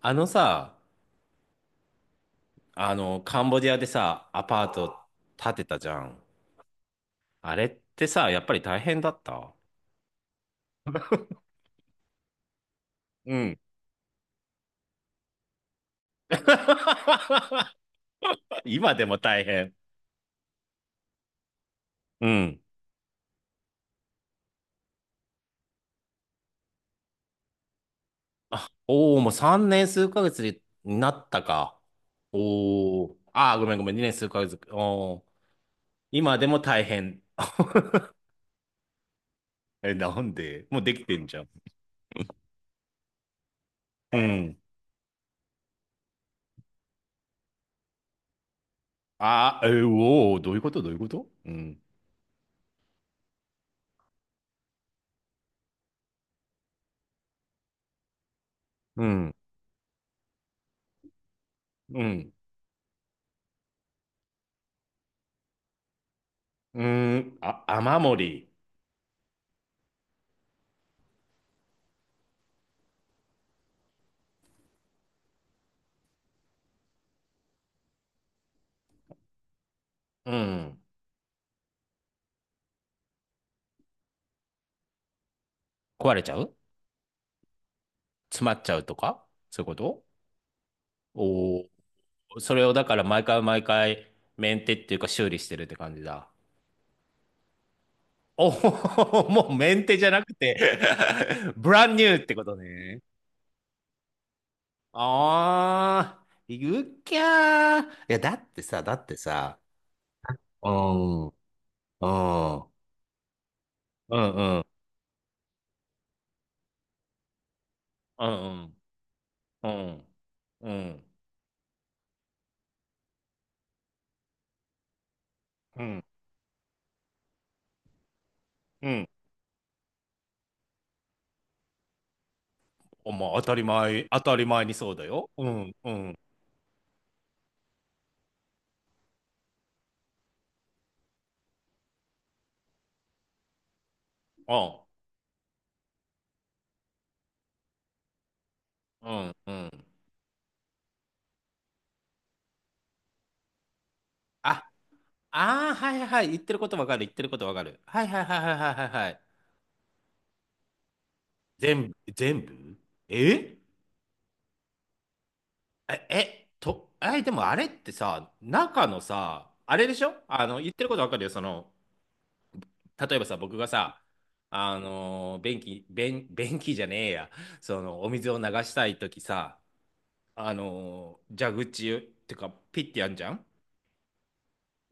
あのさ、カンボジアでさ、アパート建てたじゃん。あれってさ、やっぱり大変だった。 うん。今でも大変。うん。おお、もう3年数ヶ月になったか。おお。ああ、ごめんごめん、2年数ヶ月。おお。今でも大変。え、なんでもうできてんじゃん。うん。ああ、え、おお、どういうことどういうこと。うん。うん。うん。うーん。あ、雨漏り。うん。壊れちゃう。詰まっちゃうとかそういうこと。おおー、それをだから毎回毎回メンテっていうか修理してるって感じだ。おお、もうメンテじゃなくて、 ブランニューってことね。ああ、言うきゃー。いや、だってさ、だってさ、うん、うん、うん、うん、うん、うん、うん、うん、うん、うん。お、まあ当たり前、当たり前にそうだよ。うん、うん、あ、うん、うん。あ、ああ、はいはいはい。言ってることわかる。言ってることわかる。はいはいはいはいはいはいはい。全部、全部。ええ、え、と、え、でもあれってさ、中のさ、あれでしょ、言ってることわかるよ。その、例えばさ、僕がさ、便器、便、便器じゃねえや。その、お水を流したいときさ、蛇口ってか、ピッてやんじゃん。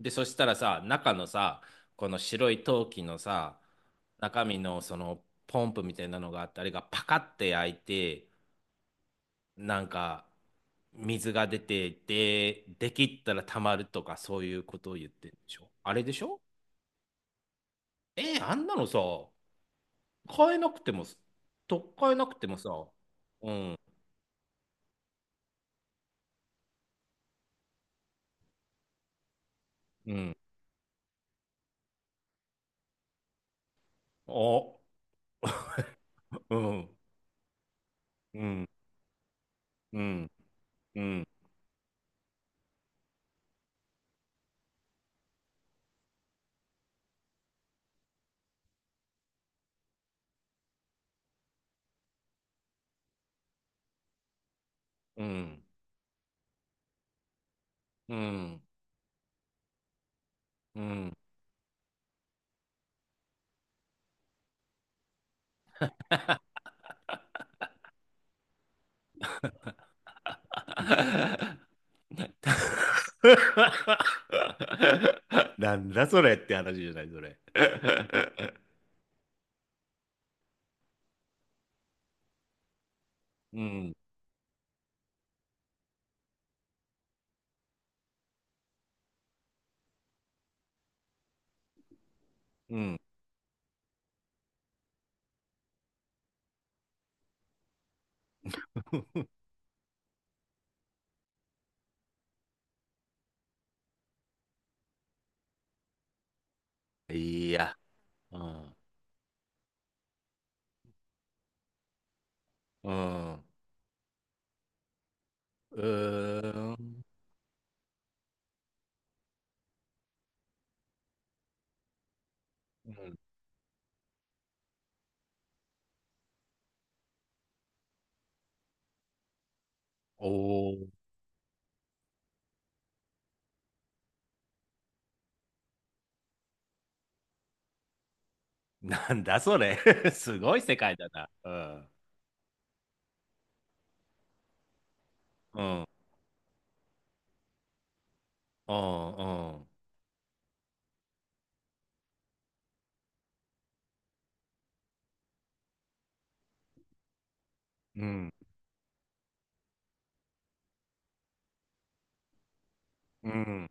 で、そしたらさ、中のさ、この白い陶器のさ、中身のそのポンプみたいなのがあって、あれがパカって開いて、なんか水が出て、で、できったら溜まるとかそういうことを言ってるでしょ。あれでしょ。えー、あんなのさ、買えなくても、とっかえなくてもさ、うん、うん、あ、うん、うん、うん、うん、うん、うん、うん。なんだそれって話じゃない、それ。うん、うん。いや、うん、うん、うーん、うん、おー、なんだそれ。すごい世界だな。うん、うん、うん、うん、うん。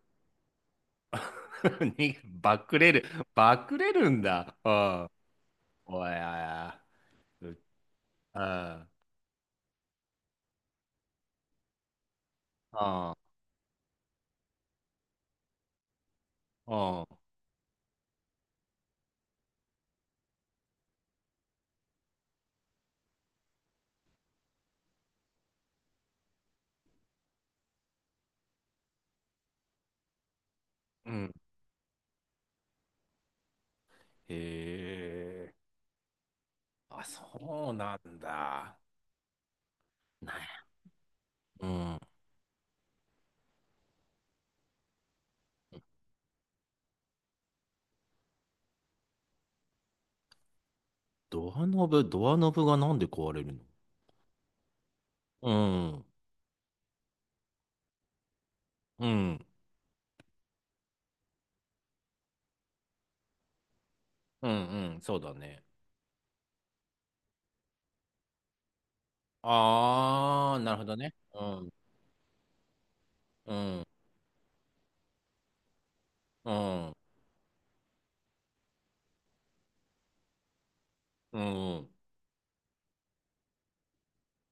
に、バックレる、バックレるんだ。うん、おやや、う、うん、うん、うん、へえ。あ、そうなんだ。なんや、うん。ドアノブ、ドアノブがなんで壊れるの？うん。うん。うん。うん。そうだね。あー、なるほどね。うん。うん。うん。うん。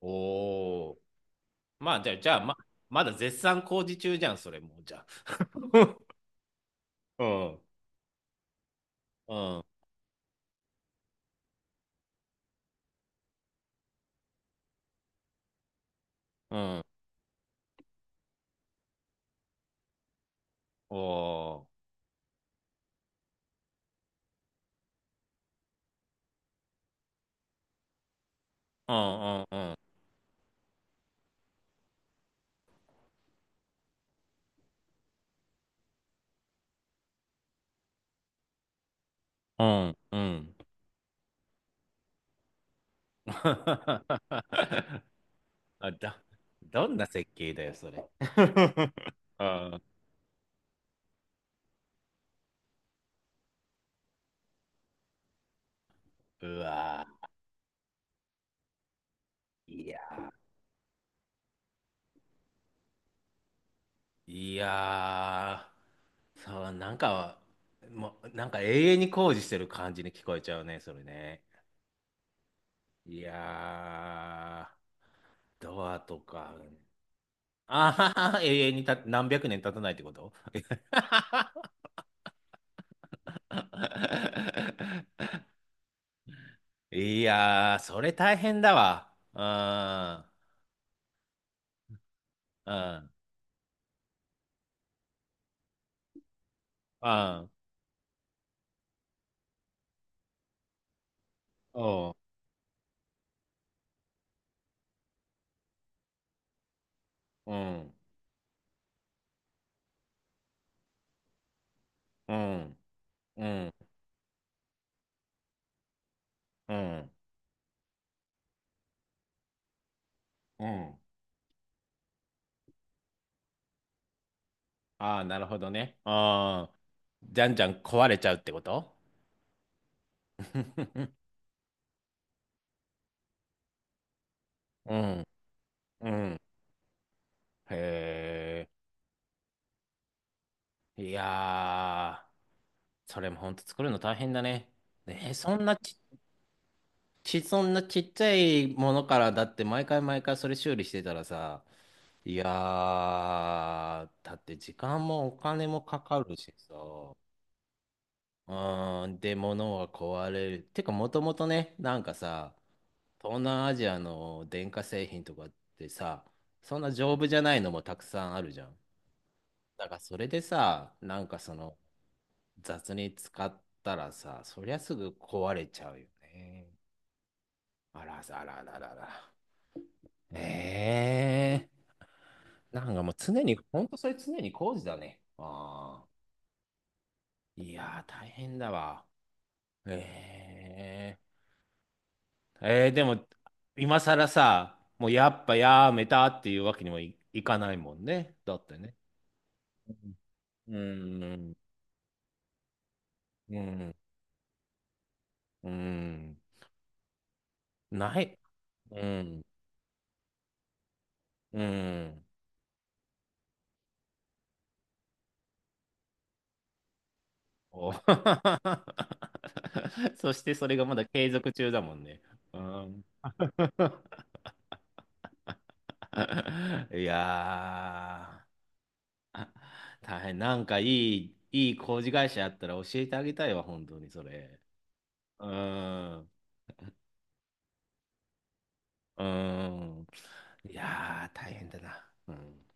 おー。まあ、じゃあ、じゃあ、ま、まだ絶賛工事中じゃん、それもう、じゃあ。うん。うん。うん。おー。うん。うん。うん。うん。うん。あ、だ、どんな設計だよ、それ。あーうわー、いや、いやー、そう、なんか、もう、なんか永遠に工事してる感じに聞こえちゃうね、それね。いやー、ドアとか、あははは、永遠にた、何百年経たないってこと。 いやー、それ大変だわ。うん、うん、うん、おう、うん。うん、うん、うん、うん。ああ、なるほどね。ああ、じゃんじゃん壊れちゃうってこと。 うん、うん。へえ、いやー、それもほんと作るの大変だね。ねえ、そんなち、ち、そんなちっちゃいものから、だって毎回毎回それ修理してたらさ、いやー、だって時間もお金もかかるしさ、うーん、で、物は壊れる。てか、もともとね、なんかさ、東南アジアの電化製品とかってさ、そんな丈夫じゃないのもたくさんあるじゃん。だからそれでさ、なんかその雑に使ったらさ、そりゃすぐ壊れちゃうよね。あらあらあらあらあら。ええー、なんかもう常に、ほんとそれ常に工事だね。ああ。いやー、大変だわ。えええー、でも、今更さ、もうやっぱやめたっていうわけにもい、いかないもんね。だってね。うん、うん、うん、ない。うん、うん。お。 そしてそれがまだ継続中だもんね。うん、いやー、大変。なんかいい、いい工事会社あったら教えてあげたいわ、本当にそれ。うん。うーん。いやー、大変だな。うん。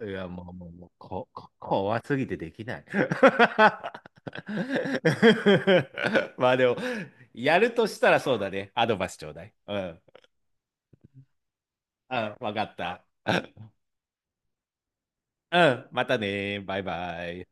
いや、もう、もう、もう、こ、こ、怖すぎてできない。まあでも、やるとしたらそうだね。アドバイスちょうだい。うん。うん、わかった。うん、またね。バイバイ。